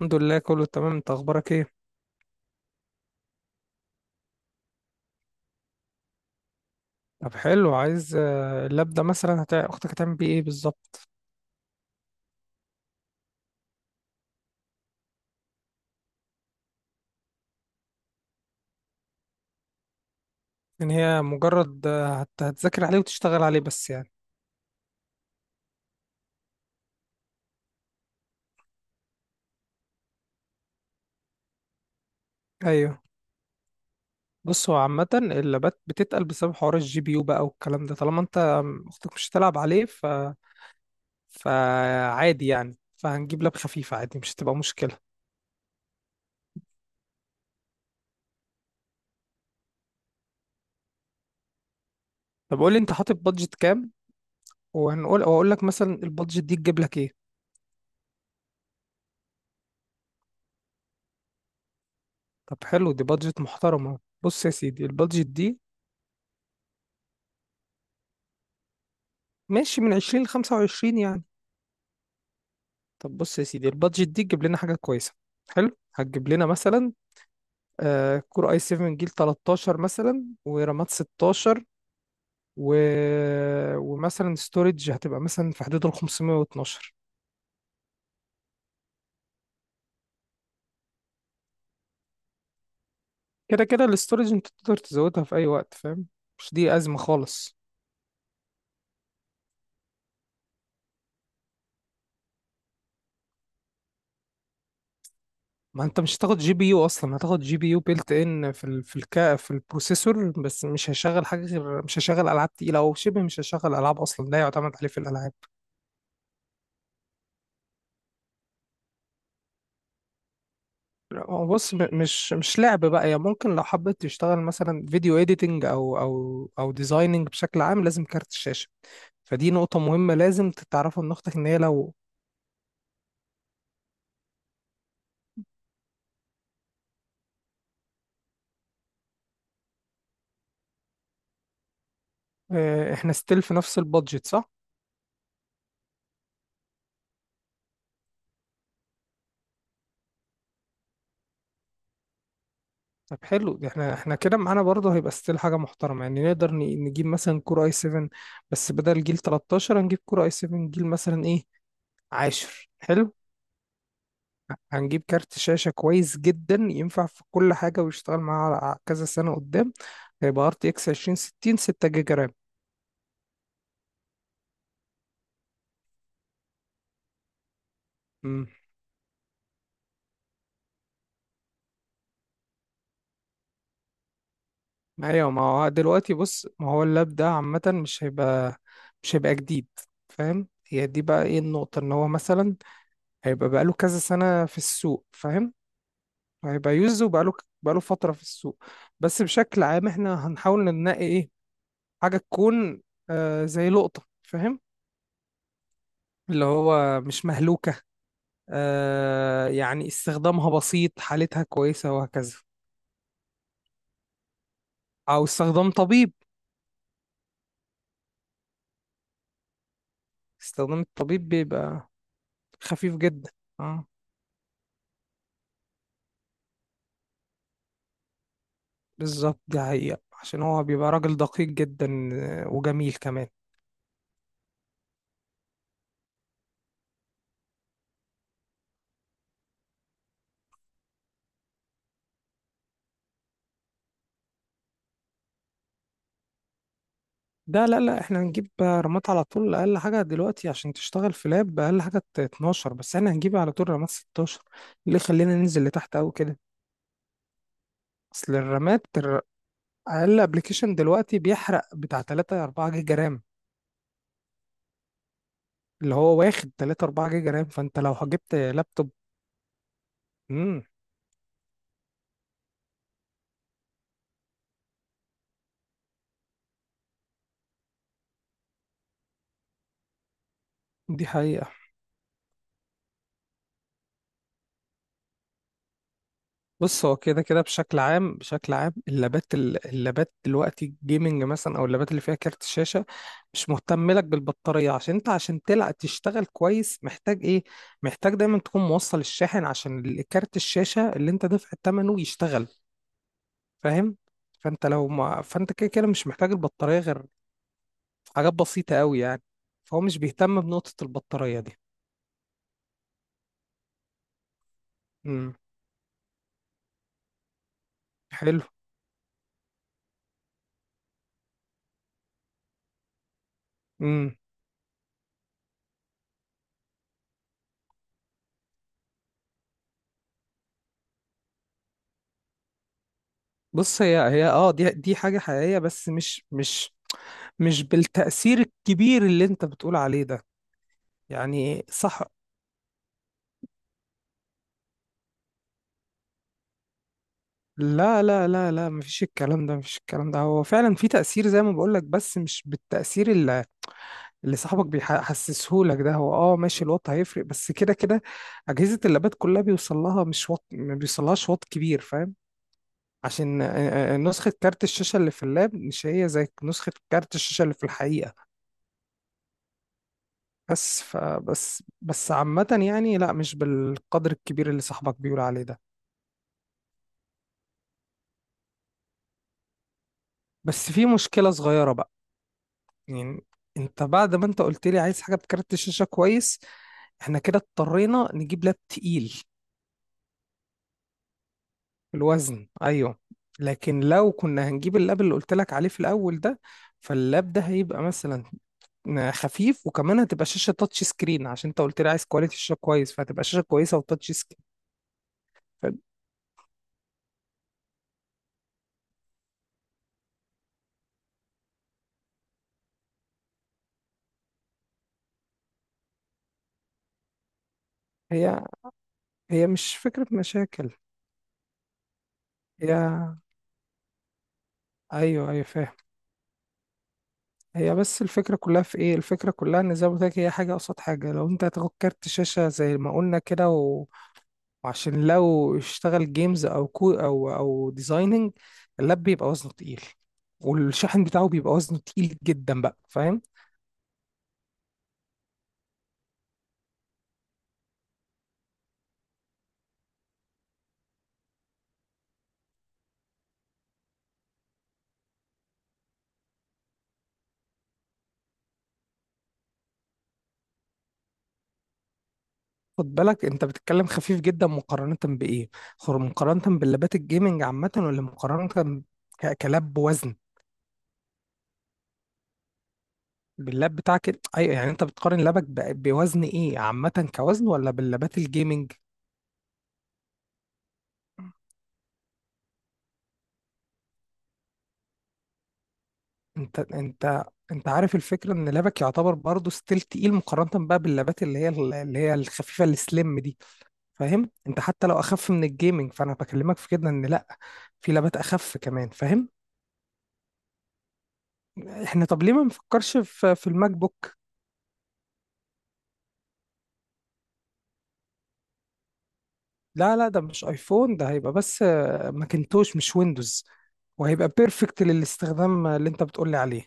الحمد لله كله تمام، انت اخبارك ايه؟ طب حلو، عايز اللاب ده مثلا اختك هتعمل بيه ايه بالظبط؟ ان هي مجرد هتذاكر عليه وتشتغل عليه بس يعني. ايوه. بص، هو عامة اللابات بتتقل بسبب حوار الجي بي يو بقى والكلام ده، طالما انت اختك مش هتلعب عليه فعادي يعني. فهنجيب لاب خفيف عادي، مش هتبقى مشكلة. طب قول لي، انت حاطط بادجت كام؟ وهنقول واقول لك مثلا البادجت دي تجيب لك ايه. طب حلو، دي بادجت محترمة. بص يا سيدي، البادجت دي ماشي من 20 ل 25 يعني. طب بص يا سيدي، البادجت دي تجيب لنا حاجة كويسة. حلو، هتجيب لنا مثلا كور اي 7 جيل 13 مثلا، ورامات 16، و... ومثلا ستورج هتبقى مثلا في حدود ال 512. كده كده الاستورج انت تقدر تزودها في اي وقت، فاهم؟ مش دي أزمة خالص. ما انت مش هتاخد جي بي يو اصلا، هتاخد جي بي يو بيلت ان في ال... في الكا في البروسيسور. بس مش هشغل حاجة، غير مش هشغل العاب تقيلة او شبه، مش هشغل العاب اصلا، لا يعتمد عليه في الالعاب. هو بص، مش لعب بقى يعني، ممكن لو حبيت تشتغل مثلا فيديو اديتنج او ديزايننج، بشكل عام لازم كارت الشاشه. فدي نقطه مهمه لازم تتعرفها من اختك ان هي لو. احنا ستيل في نفس البادجت، صح؟ طب حلو، احنا كده معانا برضه هيبقى ستيل حاجه محترمه يعني. نقدر نجيب مثلا كور اي 7، بس بدل جيل 13 هنجيب كور اي 7 جيل مثلا ايه، 10. حلو. هنجيب كارت شاشة كويس جدا، ينفع في كل حاجة، ويشتغل معاها على كذا سنة قدام. هيبقى ار تي اكس 2060 6 جيجا رام. امم. ايوه، ما هو دلوقتي بص، ما هو اللاب ده عامة مش هيبقى، مش هيبقى جديد، فاهم؟ هي دي بقى ايه النقطة، ان هو مثلا هيبقى بقاله كذا سنة في السوق، فاهم؟ هيبقى يوز، بقاله فترة في السوق. بس بشكل عام احنا هنحاول ننقي ايه، حاجة تكون زي لقطة، فاهم؟ اللي هو مش مهلوكة، يعني استخدامها بسيط، حالتها كويسة، وهكذا. أو استخدام طبيب. استخدام الطبيب بيبقى خفيف جدا، اه. بالظبط، دي حقيقة، عشان هو بيبقى راجل دقيق جدا، وجميل كمان. ده لا لا، احنا هنجيب رامات على طول، اقل حاجة دلوقتي عشان تشتغل في لاب اقل حاجة 12، بس احنا هنجيب على طول رامات 16، اللي خلينا ننزل لتحت قوي كده. اصل الرامات اقل ابلكيشن دلوقتي بيحرق بتاع 3 4 جيجا رام. اللي هو واخد 3 4 جيجا رام، فانت لو جبت لابتوب. امم. دي حقيقة. بص، هو كده كده بشكل عام، بشكل عام اللابات اللابات دلوقتي الجيمنج مثلا او اللابات اللي فيها كارت شاشة، مش مهتم لك بالبطارية، عشان انت عشان تلعب تشتغل كويس محتاج ايه، محتاج دايما تكون موصل الشاحن عشان كارت الشاشة اللي انت دافع ثمنه يشتغل، فاهم؟ فانت لو ما، فانت كده كده مش محتاج البطارية غير في حاجات بسيطة قوي يعني. فهو مش بيهتم بنقطة البطارية دي. امم. حلو. امم. بص، هي هي اه دي دي حاجة حقيقية، بس مش مش بالتأثير الكبير اللي انت بتقول عليه ده. يعني صح. لا لا لا لا، مفيش الكلام ده، مفيش الكلام ده، هو فعلا في تأثير زي ما بقولك، بس مش بالتأثير اللي صاحبك بيحسسه لك ده. هو اه ماشي، الوات هيفرق، بس كده كده أجهزة اللابات كلها بيوصل لها مش وات، ما بيوصلهاش وات كبير، فاهم؟ عشان نسخة كارت الشاشة اللي في اللاب مش هي زي نسخة كارت الشاشة اللي في الحقيقة. بس عامة يعني، لا مش بالقدر الكبير اللي صاحبك بيقول عليه ده. بس في مشكلة صغيرة بقى، يعني انت بعد ما انت قلت لي عايز حاجة بكارت الشاشة كويس، احنا كده اضطرينا نجيب لاب تقيل في الوزن، ايوه. لكن لو كنا هنجيب اللاب اللي قلت لك عليه في الاول ده، فاللاب ده هيبقى مثلا خفيف، وكمان هتبقى شاشة تاتش سكرين، عشان انت قلت لي عايز كواليتي الشاشة كويس، فهتبقى شاشة كويسة وتاتش سكرين. فهي مش فكرة مشاكل. هي. ايوه ايوه، فاهم. هي بس الفكرة كلها في ايه، الفكرة كلها ان زي ما قلت لك، هي حاجة قصاد حاجة. لو انت هتاخد كارت شاشة زي ما قلنا كده وعشان لو اشتغل جيمز او كو او او ديزايننج، اللاب بيبقى وزنه تقيل، والشاحن بتاعه بيبقى وزنه تقيل جدا بقى، فاهم؟ خد بالك، انت بتتكلم خفيف جدا مقارنة بايه؟ مقارنة باللابات الجيمنج عامة ولا مقارنة كلاب بوزن؟ باللاب بتاعك، ايوه، يعني انت بتقارن لابك بوزن ايه عامة كوزن، ولا باللابات الجيمنج؟ انت انت انت عارف الفكره، ان لبك يعتبر برضه ستيل تقيل مقارنه بقى باللبات اللي هي الخفيفه السليم دي، فاهم؟ انت حتى لو اخف من الجيمنج فانا بكلمك في كده ان لا، في لبات اخف كمان، فاهم؟ احنا طب ليه ما نفكرش في الماك بوك؟ لا لا، ده مش ايفون، ده هيبقى بس ماكنتوش مش ويندوز، وهيبقى بيرفكت للاستخدام اللي انت بتقولي عليه.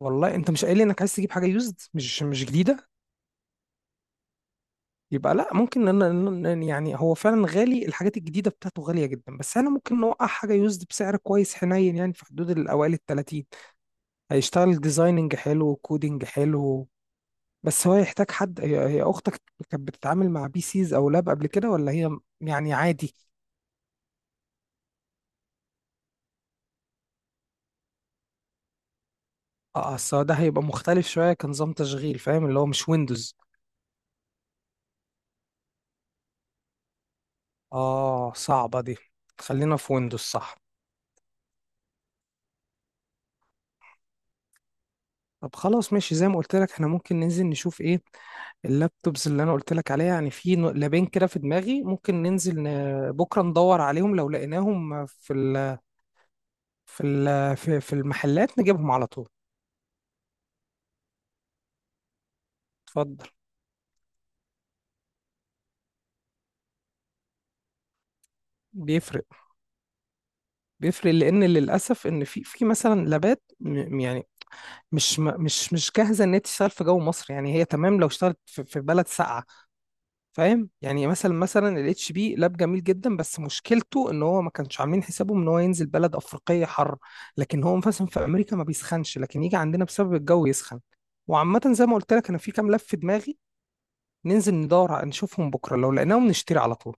والله انت مش قايل لي انك عايز تجيب حاجه يوزد، مش مش جديده؟ يبقى لا، ممكن. إن أنا يعني هو فعلا غالي، الحاجات الجديدة بتاعته غالية جدا، بس أنا ممكن نوقع حاجة يوزد بسعر كويس حنين، يعني في حدود الأوائل التلاتين. هيشتغل ديزايننج حلو، كودينج حلو. بس هو يحتاج حد، هي هي أختك كانت بتتعامل مع بي سيز أو لاب قبل كده، ولا هي يعني عادي؟ اه أصل ده هيبقى مختلف شوية كنظام تشغيل، فاهم؟ اللي هو مش ويندوز. اه، صعبة دي. خلينا في ويندوز، صح؟ طب خلاص، ماشي، زي ما قلت لك احنا ممكن ننزل نشوف ايه اللابتوبز اللي انا قلت لك عليها يعني. في لابين كده في دماغي، ممكن ننزل بكره ندور عليهم، لو لقيناهم في ال في ال في في المحلات نجيبهم على طول. اتفضل. بيفرق. بيفرق لان للاسف، ان في مثلا لابات يعني مش مش جاهزه ان هي تشتغل في جو مصر يعني، هي تمام لو اشتغلت في بلد ساقعه، فاهم يعني؟ مثلا الاتش بي لاب جميل جدا، بس مشكلته ان هو ما كانش عاملين حسابه ان هو ينزل بلد افريقيه حر. لكن هو مثلا في امريكا ما بيسخنش، لكن يجي عندنا بسبب الجو يسخن. وعامه زي ما قلت لك، انا في كام لاب في دماغي، ننزل ندور نشوفهم بكره، لو لقيناهم نشتري على طول.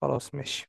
خلاص ماشي.